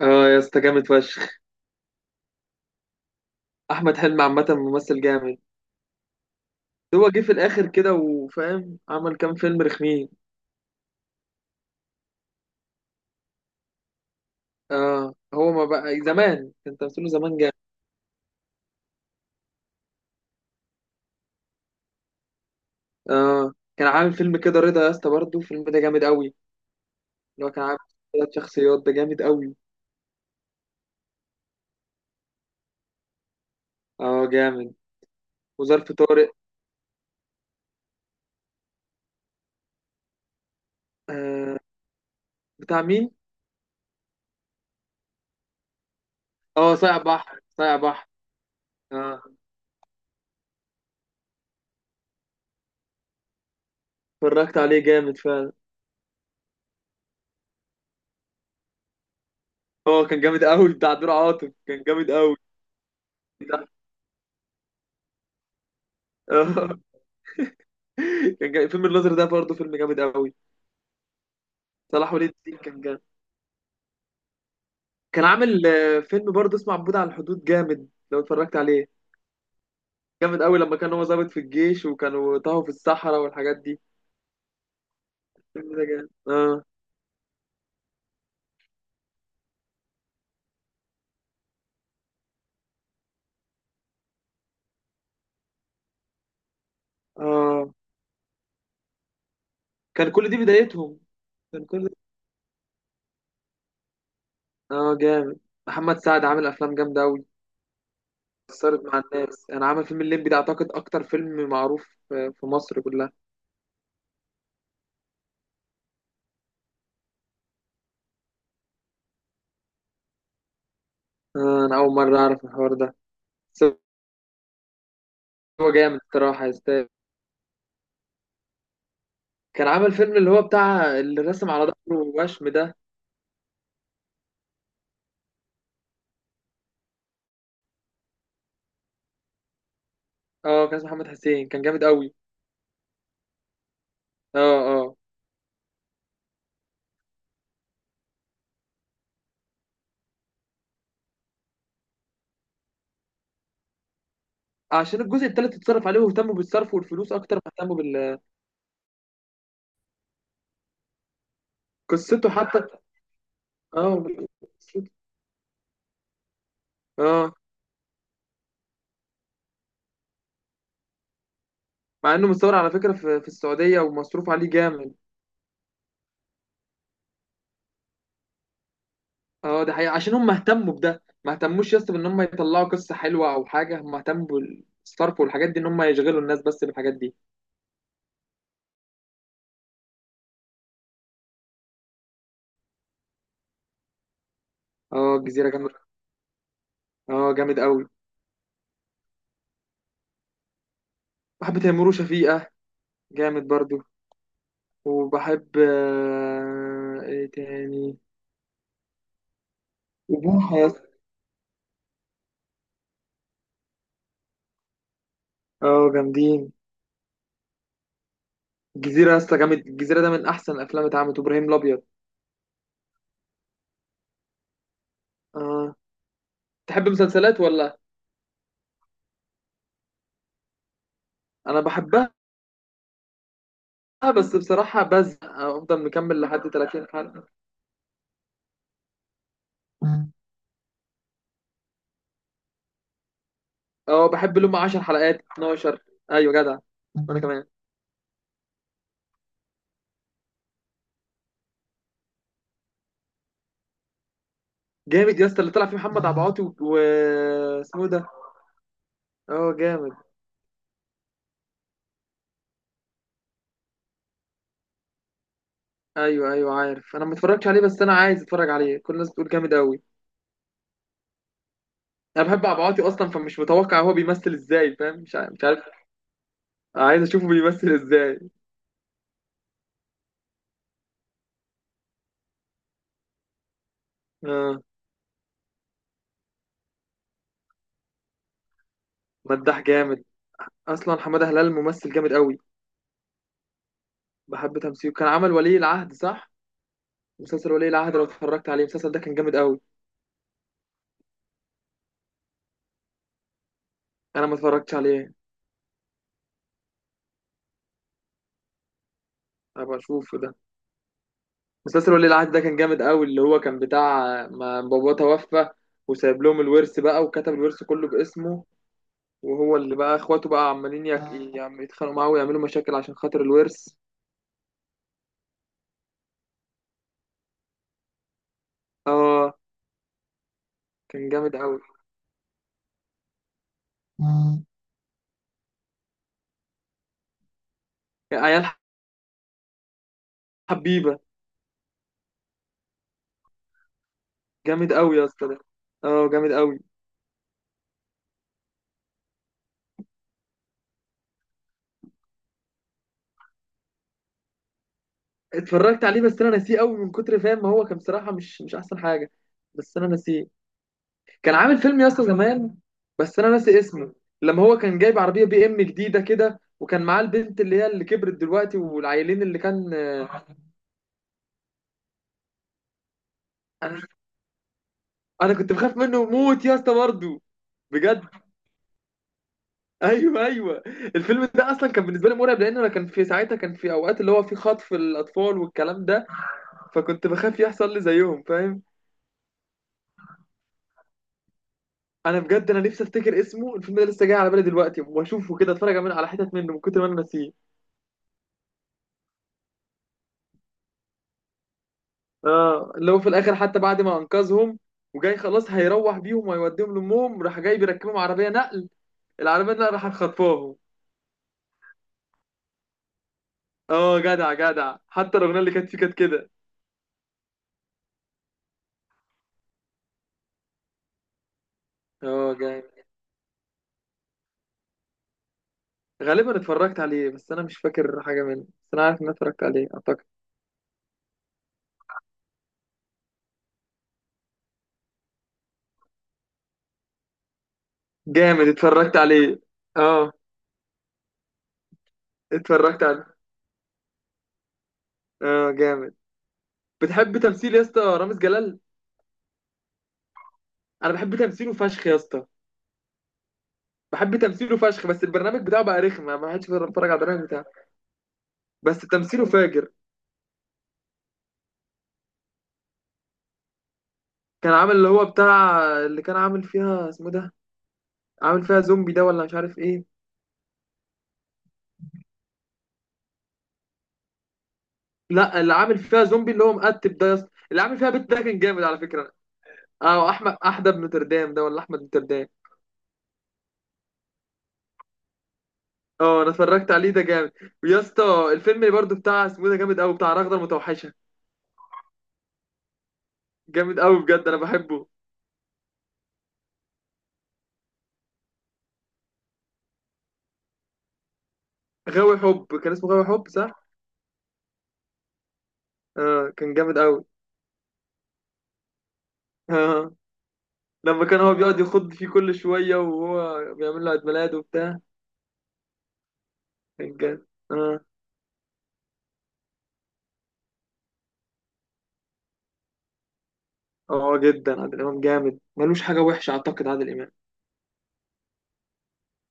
اه يا اسطى جامد فشخ. احمد حلمي عامه ممثل جامد. هو جه في الاخر كده وفاهم عمل كام فيلم رخمين. اه هو ما بقى زمان كان تمثيله زمان جامد. اه كان عامل فيلم كده رضا يا اسطى برضه الفيلم ده جامد قوي. اللي هو كان عامل ثلاث شخصيات ده جامد قوي. اه جامد وظرف طارق. آه بتاع مين؟ اه صايع بحر صايع بحر. اه اتفرجت عليه جامد فعلا. اه كان جامد قوي بتاع دور عاطف كان جامد قوي. اه كان جامد. فيلم الناظر ده برضه فيلم جامد قوي. صلاح ولي الدين كان جامد. كان عامل فيلم برضه اسمه عبود على الحدود جامد لو اتفرجت عليه. جامد قوي لما كان هو ضابط في الجيش وكانوا تاهوا في الصحراء والحاجات دي. الفيلم ده جامد. اه اه كان كل دي بدايتهم. كان كل اه جامد. محمد سعد عامل افلام جامده قوي. اثرت مع الناس انا عامل فيلم الليمبي ده اعتقد اكتر فيلم معروف في مصر كلها. انا اول مره اعرف الحوار ده. بس هو جامد الصراحه يستاهل. كان عامل فيلم اللي هو بتاع اللي رسم على ظهره وشم ده. اه كان اسمه محمد حسين كان جامد قوي. اه اه عشان الجزء التالت اتصرف عليه واهتموا بالصرف والفلوس اكتر ما اهتموا بال قصته حتى. اه قصته- اه مع انه متصور على فكره في السعوديه ومصروف عليه جامد. اه ده حقيقه عشان هم اهتموا بده ما اهتموش يا اسطى بان هم يطلعوا قصه حلوه او حاجه هم اهتموا بالصرف والحاجات دي ان هم يشغلوا الناس بس بالحاجات دي. اه الجزيره جامد. اه جامد قوي. بحب تيمور وشفيقه جامد برضو. وبحب ايه تاني؟ وبوحه يا اسطى. اه جامدين. الجزيرة يا اسطى جامد. الجزيرة ده من أحسن الأفلام اللي اتعملت. إبراهيم الأبيض. آه تحب مسلسلات ولا؟ أنا بحبها بس بصراحة بزهق. أفضل مكمل لحد 30 حلقة. أه بحب اللي هم 10 حلقات 12. أيوة جدع. وأنا كمان. جامد يا اسطى اللي طلع فيه محمد عبعاطي و اسمه ده. اه جامد. ايوه، ايوه، عارف. انا ما اتفرجتش عليه بس انا عايز اتفرج عليه كل الناس بتقول جامد قوي. انا بحب عبعاطي اصلا فمش متوقع هو بيمثل ازاي فاهم مش عارف مش عارف. عايز اشوفه بيمثل ازاي. اه، مداح جامد. اصلا حماده هلال ممثل جامد قوي. بحب تمثيله. كان عمل ولي العهد صح؟ مسلسل ولي العهد لو اتفرجت عليه المسلسل ده كان جامد قوي. انا ما اتفرجتش عليه. هبقى اشوفه ده. مسلسل ولي العهد ده كان جامد قوي اللي هو كان بتاع ما باباه توفى وسايب لهم الورث بقى وكتب الورث كله باسمه. وهو اللي بقى اخواته بقى عمالين يتخانقوا معاه ويعملوا مشاكل عشان خاطر الورث. اه كان جامد قوي. آه. عيال حبيبه جامد قوي يا اسطى ده. اه جامد قوي. اتفرجت عليه بس انا ناسيه قوي من كتر فاهم ما هو كان بصراحه مش احسن حاجه. بس انا ناسيه. كان عامل فيلم يا اسطى زمان بس انا ناسي اسمه. لما هو كان جايب عربيه بي ام جديده كده وكان معاه البنت اللي هي اللي كبرت دلوقتي والعيلين اللي كان. انا انا كنت بخاف منه موت يا اسطى برضه. بجد، ايوه، ايوه. الفيلم ده اصلا كان بالنسبه لي مرعب لان انا كان في ساعتها كان في اوقات اللي هو في خطف الاطفال والكلام ده. فكنت بخاف يحصل لي زيهم فاهم. انا بجد انا نفسي افتكر اسمه الفيلم ده لسه جاي على بالي دلوقتي واشوفه كده اتفرج من على حتت منه من كتر ما انا ناسيه. اه اللي هو في الاخر حتى بعد ما انقذهم وجاي خلاص هيروح بيهم ويوديهم لامهم راح جاي بيركبهم عربيه نقل. العربيه نقل راح خطفاهم. اه جدع، جدع. حتى الاغنيه اللي كانت فيه كانت كده. اه جامد. غالبا اتفرجت عليه بس انا مش فاكر حاجه منه بس انا عارف ان أنا اتفرجت عليه اعتقد. جامد اتفرجت عليه. اه اتفرجت عليه. اه جامد. بتحب تمثيل يا اسطى رامز جلال؟ انا بحب تمثيله فشخ يا اسطى. بحب تمثيله فشخ بس البرنامج بتاعه بقى رخم ما حدش بيقدر يتفرج على البرنامج بتاعه. بس تمثيله فاجر. كان عامل اللي هو بتاع اللي كان عامل فيها اسمه ده. عامل فيها زومبي ده ولا مش عارف ايه. لا، اللي عامل فيها زومبي اللي هو مقتب ده يا اسطى اللي عامل فيها بنت ده كان جامد على فكرة. اه احمد احدب نوتردام ده ولا احمد نوتردام. اه انا اتفرجت عليه ده جامد. ويا اسطى الفيلم اللي برضه بتاع اسمه ده جامد قوي بتاع رغدة المتوحشة. جامد قوي بجد انا بحبه. غاوي حب كان اسمه غاوي حب صح؟ اه كان جامد قوي لما كان هو بيقعد يخض فيه كل شوية وهو بيعمل له عيد ميلاد وبتاع. كان جامد. اه اه جدا عادل إمام جامد ملوش حاجة وحشة أعتقد عادل إمام.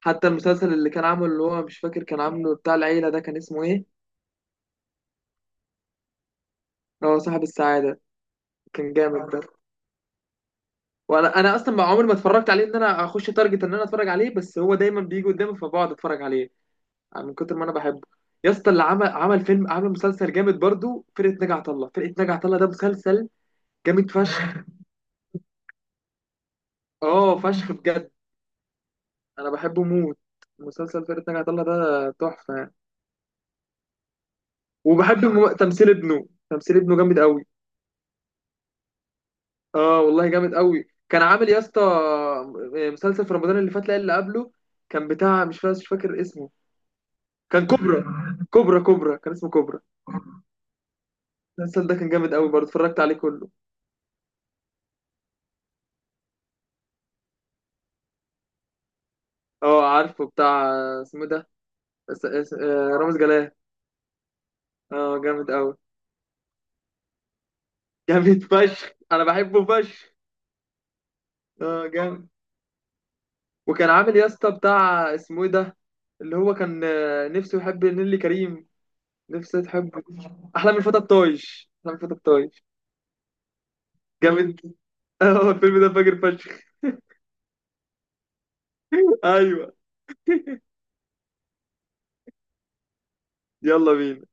حتى المسلسل اللي كان عامله اللي هو مش فاكر كان عامله بتاع العيلة ده كان اسمه إيه؟ هو صاحب السعادة. كان جامد ده. وأنا أصلا ما عمري ما اتفرجت عليه إن أنا أخش تارجت إن أنا أتفرج عليه بس هو دايما بيجي قدامي فبقعد أتفرج عليه. يعني من كتر ما أنا بحبه. يا اسطى اللي عمل فيلم عمل مسلسل جامد برضو فرقة ناجي عطا الله. فرقة ناجي عطا الله ده مسلسل جامد فشخ. اه فشخ بجد انا بحبه موت. مسلسل فرقة ناجي عطا الله ده تحفة يعني. وبحب تمثيل ابنه. تمثيل ابنه جامد قوي. اه والله جامد قوي. كان عامل يا اسطى مسلسل في رمضان اللي فات لا اللي قبله. كان بتاع مش فاكر اسمه. كان كوبرا كوبرا. كان اسمه كوبرا. المسلسل ده كان جامد قوي برضه اتفرجت عليه كله. اه عارفه بتاع اسمه إيه ده. رامز جلال. اه جامد قوي جامد فشخ انا بحبه فشخ. اه جامد. وكان عامل يا اسطى بتاع اسمه ايه ده. اللي هو كان نفسه يحب نيللي كريم. نفسه تحب. احلام الفتى الطايش، احلام الفتى الطايش. جامد. اه الفيلم ده فاجر فشخ. ايوه. يلا بينا.